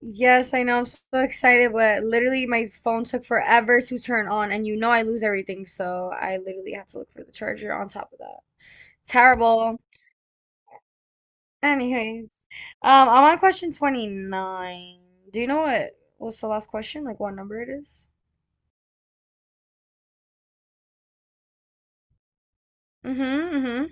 Yes, I know. I'm so excited, but literally my phone took forever to turn on, and you know I lose everything, so I literally had to look for the charger on top of that. Terrible. Anyways, I'm on question 29. Do you know what's the last question? Like what number it is? Mm-hmm, mm-hmm.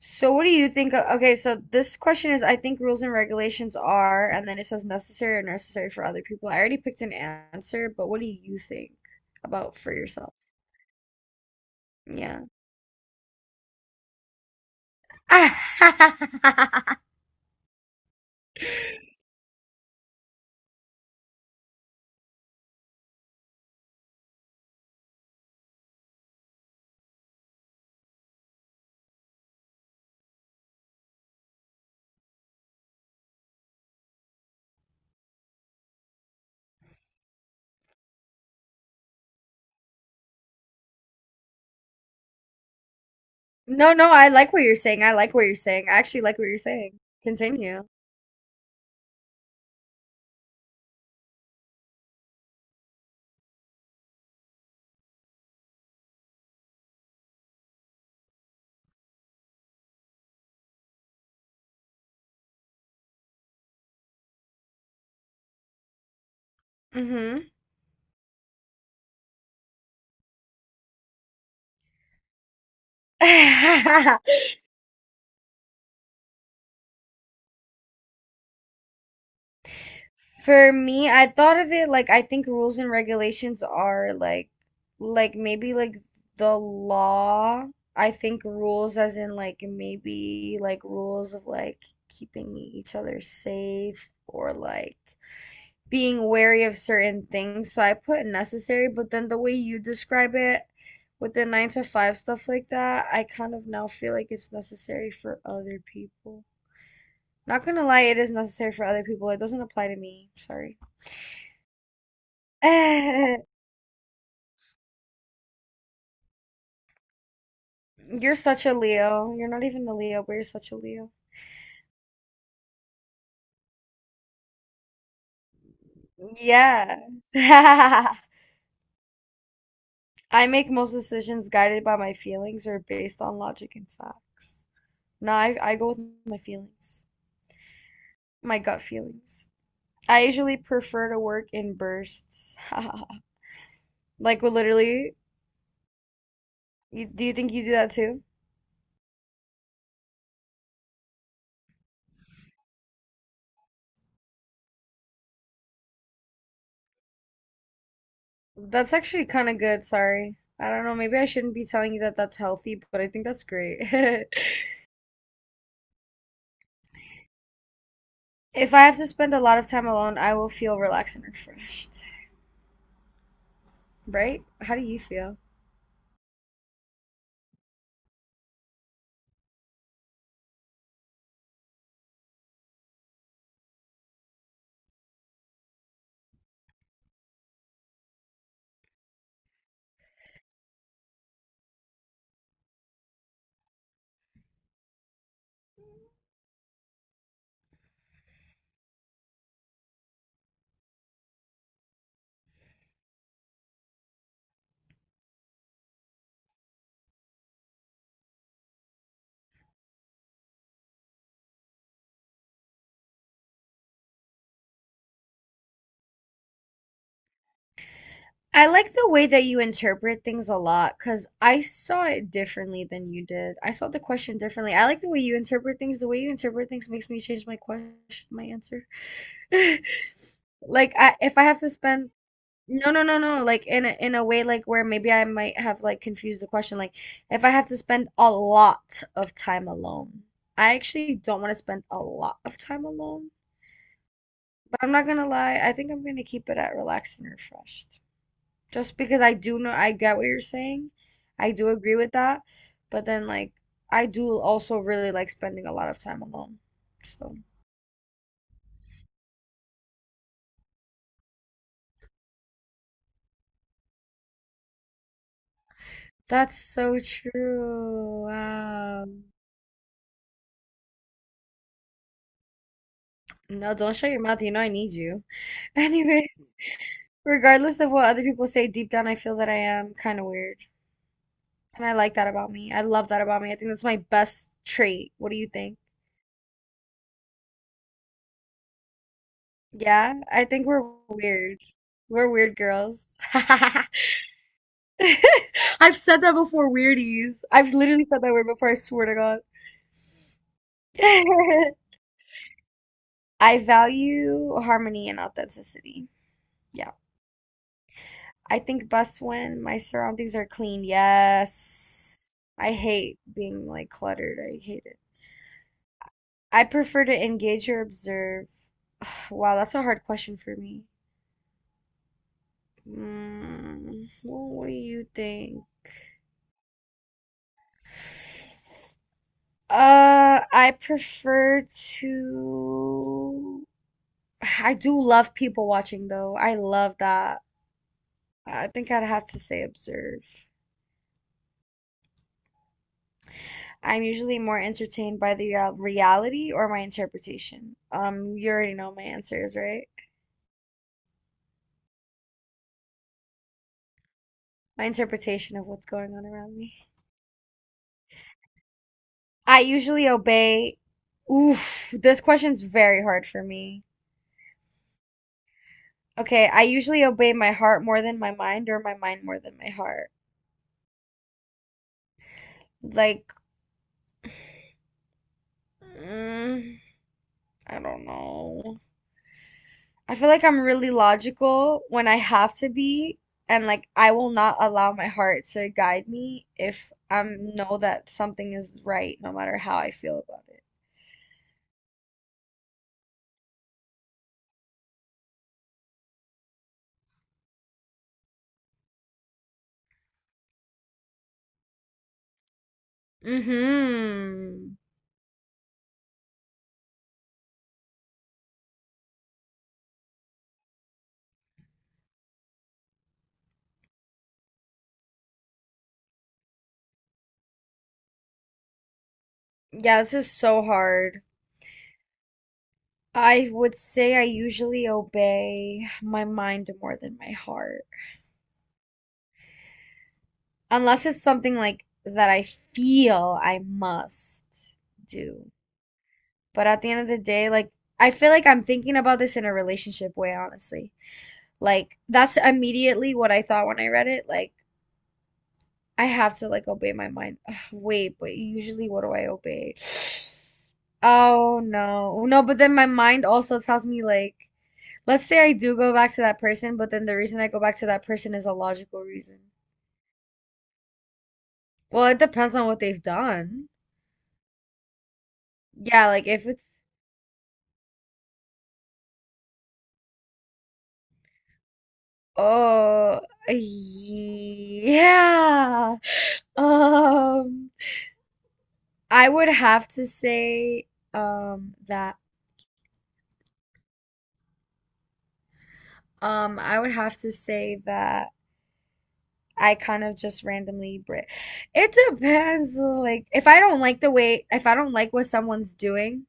So what do you think of, okay, so this question is I think rules and regulations are, and then it says necessary or necessary for other people. I already picked an answer, but what do you think about for yourself? Yeah. Ah, No, no, I like what you're saying. I like what you're saying. I actually like what you're saying. Continue. Hmm. For me, I thought of it like I think rules and regulations are like maybe like the law. I think rules as in like maybe like rules of like keeping each other safe or like being wary of certain things. So I put necessary, but then the way you describe it with the nine to five stuff like that, I kind of now feel like it's necessary for other people. Not gonna lie, it is necessary for other people. It doesn't apply to me. Sorry. You're such a Leo. You're not even a Leo, but you're such a Leo. Yeah. I make most decisions guided by my feelings or based on logic and facts. No, I go with my feelings, my gut feelings. I usually prefer to work in bursts. Like, well, literally, do you think you do that too? That's actually kind of good, sorry. I don't know, maybe I shouldn't be telling you that that's healthy, but I think that's great. If I have to spend a lot of time alone, I will feel relaxed and refreshed. Right? How do you feel? I like the way that you interpret things a lot because I saw it differently than you did. I saw the question differently. I like the way you interpret things. The way you interpret things makes me change my question, my answer. Like I if I have to spend no, no, no, no, like in a way like where maybe I might have like confused the question like if I have to spend a lot of time alone. I actually don't want to spend a lot of time alone, but I'm not gonna lie, I think I'm gonna keep it at relaxed and refreshed. Just because I do know I get what you're saying. I do agree with that, but then like I do also really like spending a lot of time alone. So that's so true. Wow. No, don't shut your mouth. You know I need you. Anyways, regardless of what other people say, deep down I feel that I am kind of weird. And I like that about me. I love that about me. I think that's my best trait. What do you think? Yeah, I think we're weird. We're weird girls. I've said that before, weirdies. I've literally said that word before, I swear to God. I value harmony and authenticity. Yeah. I think best when my surroundings are clean. Yes. I hate being like cluttered. I hate it. I prefer to engage or observe. Wow, that's a hard question for me. Well, what do you think? I prefer to. I do love people watching though. I love that. I think I'd have to say observe. I'm usually more entertained by the reality or my interpretation. You already know my answers, right? My interpretation of what's going on around me. I usually obey. Oof, this question's very hard for me. Okay, I usually obey my heart more than my mind, or my mind more than my heart. Like, mm, I don't know. I feel like I'm really logical when I have to be, and like I will not allow my heart to guide me if I know that something is right, no matter how I feel about it. Mm-hmm. Yeah, this is so hard. I would say I usually obey my mind more than my heart, unless it's something like that I feel I must do. But at the end of the day, like I feel like I'm thinking about this in a relationship way, honestly. Like that's immediately what I thought when I read it. Like I have to like obey my mind. Ugh, wait, but usually what do I obey? Oh no. No, but then my mind also tells me like let's say I do go back to that person, but then the reason I go back to that person is a logical reason. Well, it depends on what they've done. Yeah, like if it's oh, yeah. Um I would have to say um that I would have to say that I kind of just randomly bri It depends. Like, if I don't like the way,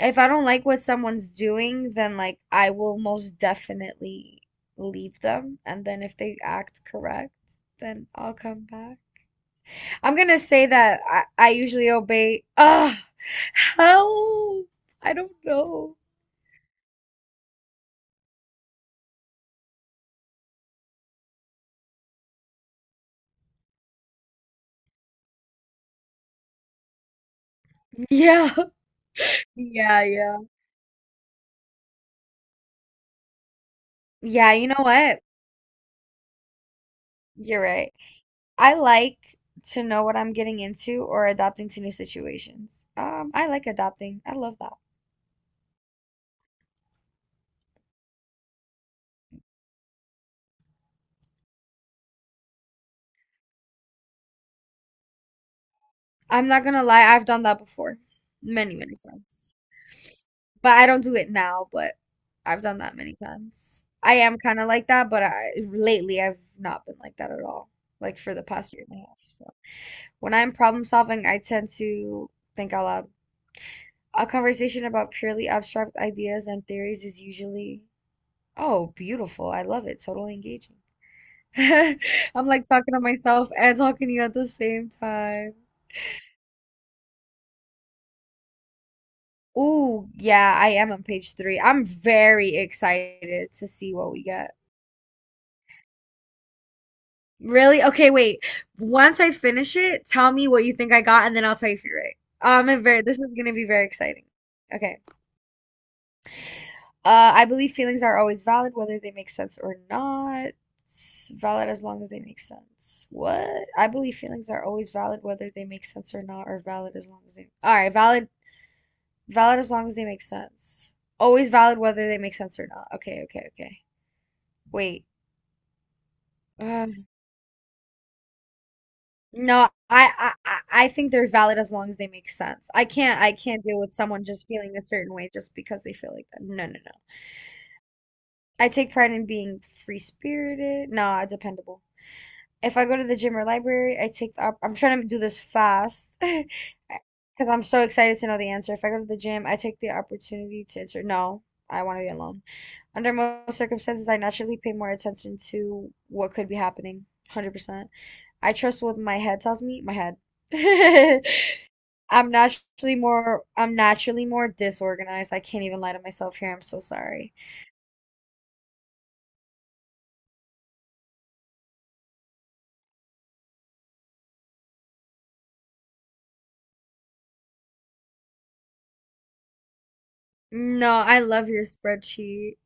if I don't like what someone's doing, then like I will most definitely leave them. And then if they act correct, then I'll come back. I'm gonna say that I usually obey. Ugh, help! I don't know. Yeah. Yeah, yeah. Yeah, you know what? You're right. I like to know what I'm getting into or adapting to new situations. I like adapting. I love that. I'm not gonna lie, I've done that before. Many, many times. But I don't do it now, but I've done that many times. I am kind of like that, but I lately I've not been like that at all. Like for the past year and a half. So when I'm problem solving, I tend to think out loud. A conversation about purely abstract ideas and theories is usually, oh, beautiful. I love it. Totally engaging. I'm like talking to myself and talking to you at the same time. Ooh, yeah, I am on page 3. I'm very excited to see what we get. Really? Okay, wait. Once I finish it, tell me what you think I got, and then I'll tell you if you're right. I'm very, this is gonna be very exciting. Okay. I believe feelings are always valid, whether they make sense or not. It's valid as long as they make sense. What? I believe feelings are always valid, whether they make sense or not, or valid as long as they. All right, valid. Valid as long as they make sense. Always valid whether they make sense or not. Okay, okay, okay. Wait. Ugh. No, I think they're valid as long as they make sense. I can't deal with someone just feeling a certain way just because they feel like that. No, no, no. I take pride in being free spirited. Nah, dependable. If I go to the gym or library, I take I'm trying to do this fast because I'm so excited to know the answer. If I go to the gym, I take the opportunity to answer. No, I want to be alone. Under most circumstances, I naturally pay more attention to what could be happening. 100%. I trust what my head tells me, my head. I'm naturally more disorganized. I can't even lie to myself here. I'm so sorry. No, I love your spreadsheet.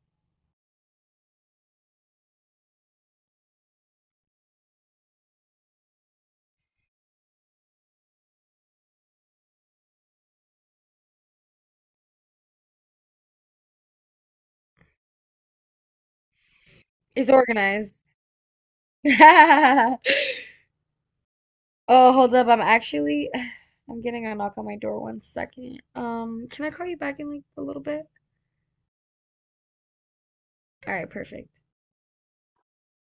It's organized. Oh, hold up. I'm actually I'm getting a knock on my door. One second. Can I call you back in like a little bit? All right, perfect.